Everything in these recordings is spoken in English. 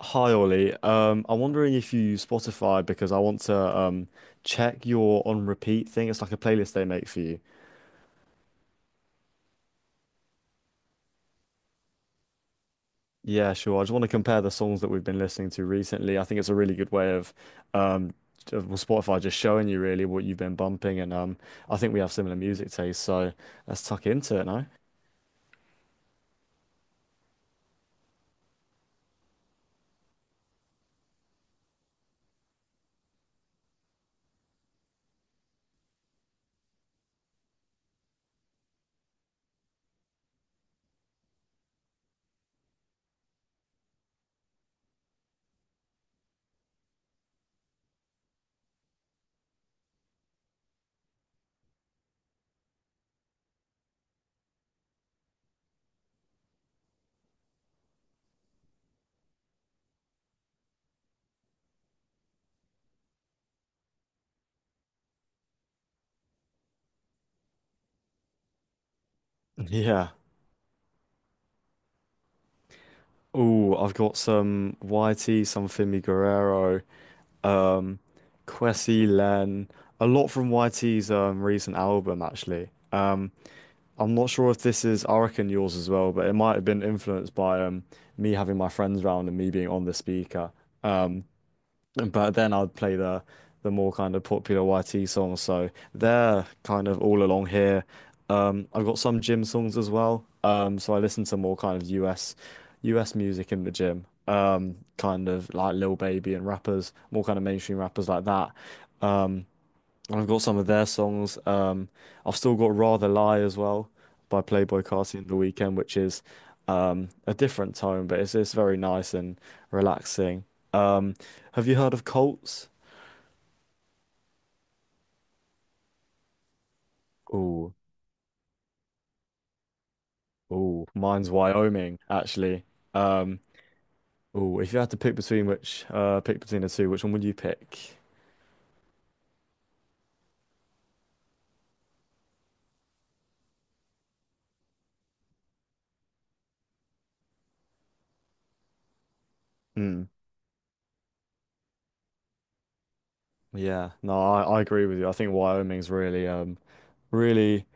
Hi Ollie. I'm wondering if you use Spotify because I want to check your on repeat thing. It's like a playlist they make for you. Yeah, sure. I just want to compare the songs that we've been listening to recently. I think it's a really good way of um Spotify just showing you really what you've been bumping, and I think we have similar music tastes, so let's tuck into it now. Yeah. Oh, I've got some YT, some Fimi Guerrero, um, Kwesi Len, a lot from YT's recent album actually. I'm not sure if this is, I reckon yours as well, but it might have been influenced by me having my friends round and me being on the speaker. Um, but then I'd play the more kind of popular YT songs, so they're kind of all along here. I've got some gym songs as well, so I listen to more kind of US music in the gym, kind of like Lil Baby and rappers, more kind of mainstream rappers like that. Um, and I've got some of their songs. I've still got Rather Lie as well by Playboi Carti and The Weeknd, which is a different tone, but it's very nice and relaxing. Um, have you heard of Colts? Ooh, ooh, mine's Wyoming, actually. Um, Ooh, if you had to pick between which pick between the two, which one would you pick? Hmm. Yeah, no, I agree with you. I think Wyoming's really really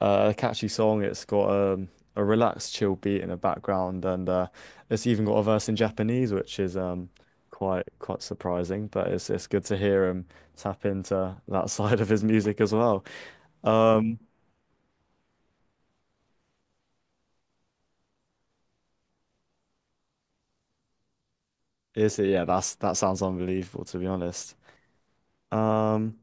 catchy song. It's got a relaxed, chill beat in the background, and it's even got a verse in Japanese, which is quite quite surprising. But it's good to hear him tap into that side of his music as well. Um, is it? Yeah, that's that sounds unbelievable to be honest. Um,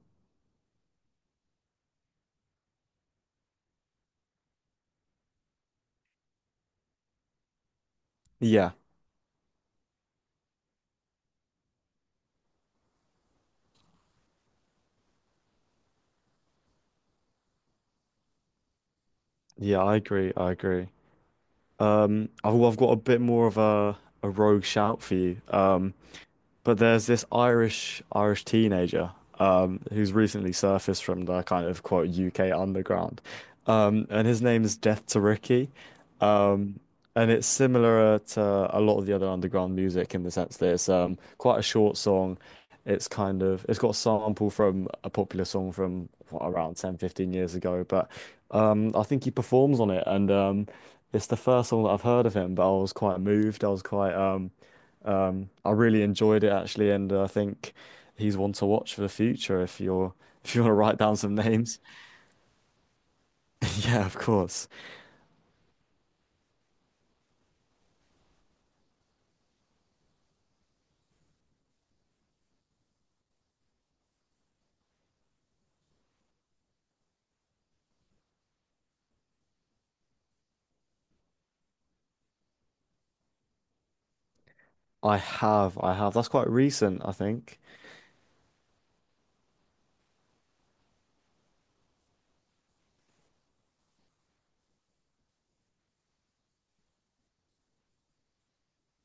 yeah, yeah, I agree. I agree. I've got a bit more of a rogue shout for you. But there's this Irish teenager who's recently surfaced from the kind of quote UK underground, and his name is Death to Ricky, um, and it's similar to a lot of the other underground music in the sense that it's quite a short song. It's kind of it's got a sample from a popular song from what, around 10-15 ago, but I think he performs on it, and it's the first song that I've heard of him. But I was quite moved. I was quite I really enjoyed it actually, and I think he's one to watch for the future if you want to write down some names. Yeah, of course. I have, I have. That's quite recent, I think.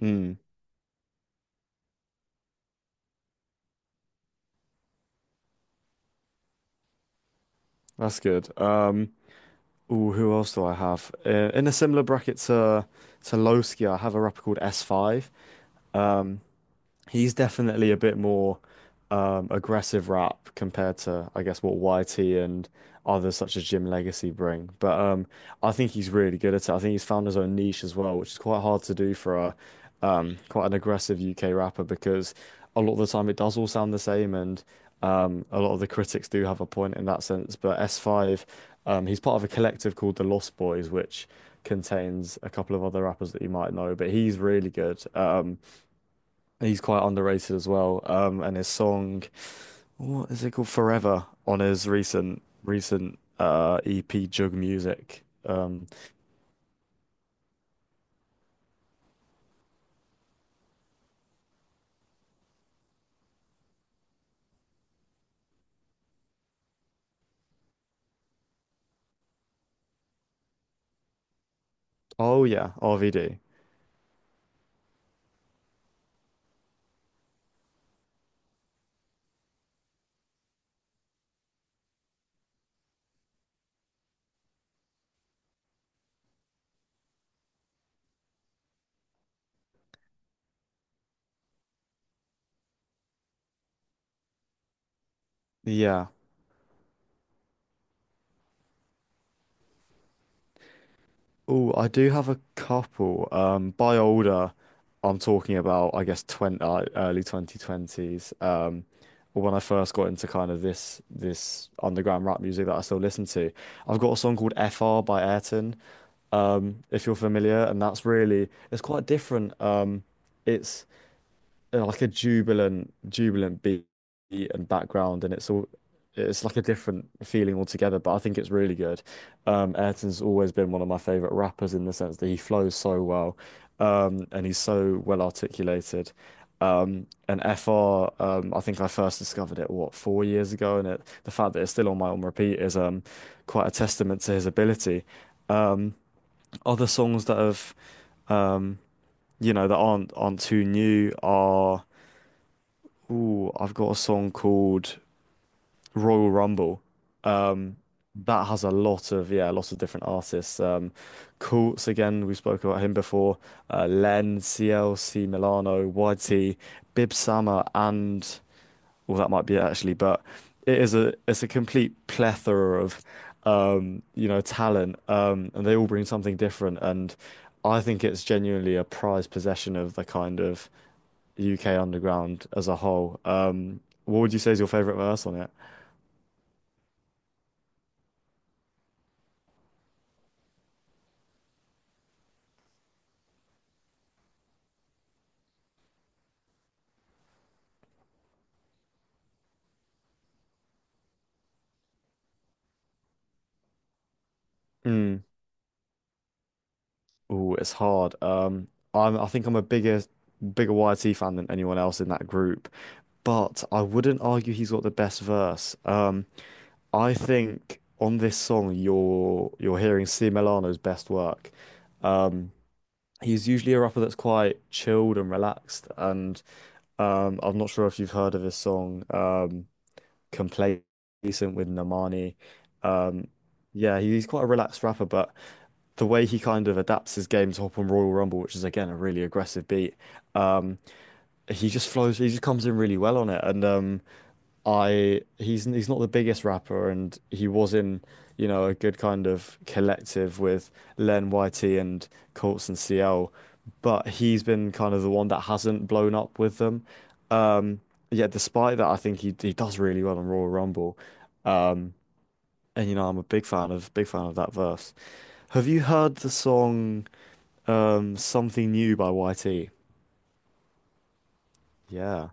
Hmm, that's good. Ooh, who else do I have? In a similar bracket to Lowski, I have a rapper called S5. He's definitely a bit more aggressive rap compared to, I guess, what YT and others such as Jim Legacy bring. But I think he's really good at it. I think he's found his own niche as well, which is quite hard to do for a quite an aggressive UK rapper because a lot of the time it does all sound the same, and a lot of the critics do have a point in that sense. But S5, he's part of a collective called the Lost Boys, which contains a couple of other rappers that you might know, but he's really good. He's quite underrated as well. And his song, what is it called? Forever on his recent EP Jug Music. Oh yeah, RVD. Yeah. Oh, I do have a couple. By older, I'm talking about I guess 20, early 2020s. When I first got into kind of this underground rap music that I still listen to, I've got a song called FR by Ayrton. If you're familiar, and that's really it's quite different. It's Like a jubilant, jubilant beat and background, and it's all it's like a different feeling altogether. But I think it's really good. Ayrton's always been one of my favorite rappers in the sense that he flows so well, and he's so well articulated. And FR, I think I first discovered it what 4 years ago, and the fact that it's still on my on repeat is quite a testament to his ability. Um, Other songs that have, um, that aren't too new are. Ooh, I've got a song called Royal Rumble. Um, that has a lot of yeah, a lot of different artists. Courts again, we spoke about him before. Len, CLC Milano, YT, Bib Sama, and well, that might be it actually, but it's a complete plethora of talent, and they all bring something different. And I think it's genuinely a prized possession of the kind of UK underground as a whole. What would you say is your favorite verse on it? Mm. Oh, it's hard. I think I'm a bigger YT fan than anyone else in that group, but I wouldn't argue he's got the best verse. I think on this song you're hearing C. Milano's best work. Um, he's usually a rapper that's quite chilled and relaxed, and I'm not sure if you've heard of his song "Complacent" with Normani. Yeah, he's quite a relaxed rapper, but the way he kind of adapts his game to Hop on Royal Rumble, which is again a really aggressive beat. um, he just flows. He just comes in really well on it, and I he's not the biggest rapper, and he was in you know a good kind of collective with Len YT and Colts and CL, but he's been kind of the one that hasn't blown up with them. Um, yeah, despite that, I think he does really well on Royal Rumble. Um, and you know I'm a big fan of that verse. Have you heard the song Something New by YT? Yeah.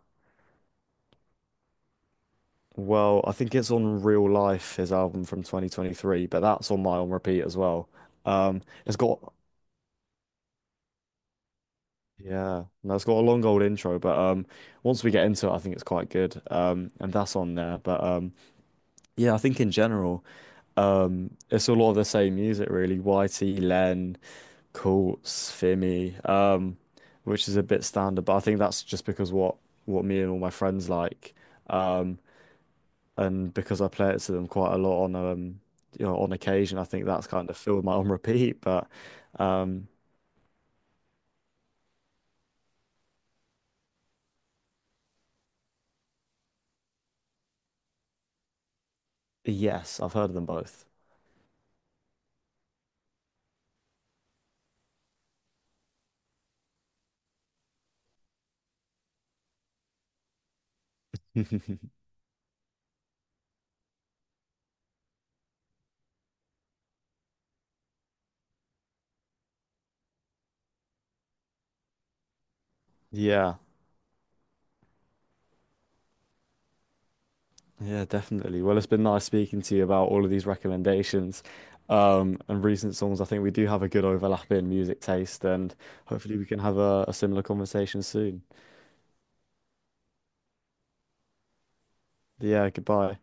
Well, I think it's on Real Life, his album from 2023, but that's on my on repeat as well. It's got yeah, no, it's got a long old intro, but once we get into it, I think it's quite good. And that's on there, but yeah, I think in general, it's a lot of the same music really. YT, Len, Courts, Fimi, which is a bit standard, but I think that's just because what me and all my friends like. Um, and because I play it to them quite a lot on on occasion, I think that's kind of filled my on repeat. But um yes, I've heard of them both. Yeah, yeah, definitely. Well, it's been nice speaking to you about all of these recommendations and recent songs. I think we do have a good overlap in music taste, and hopefully we can have a similar conversation soon. Yeah, goodbye.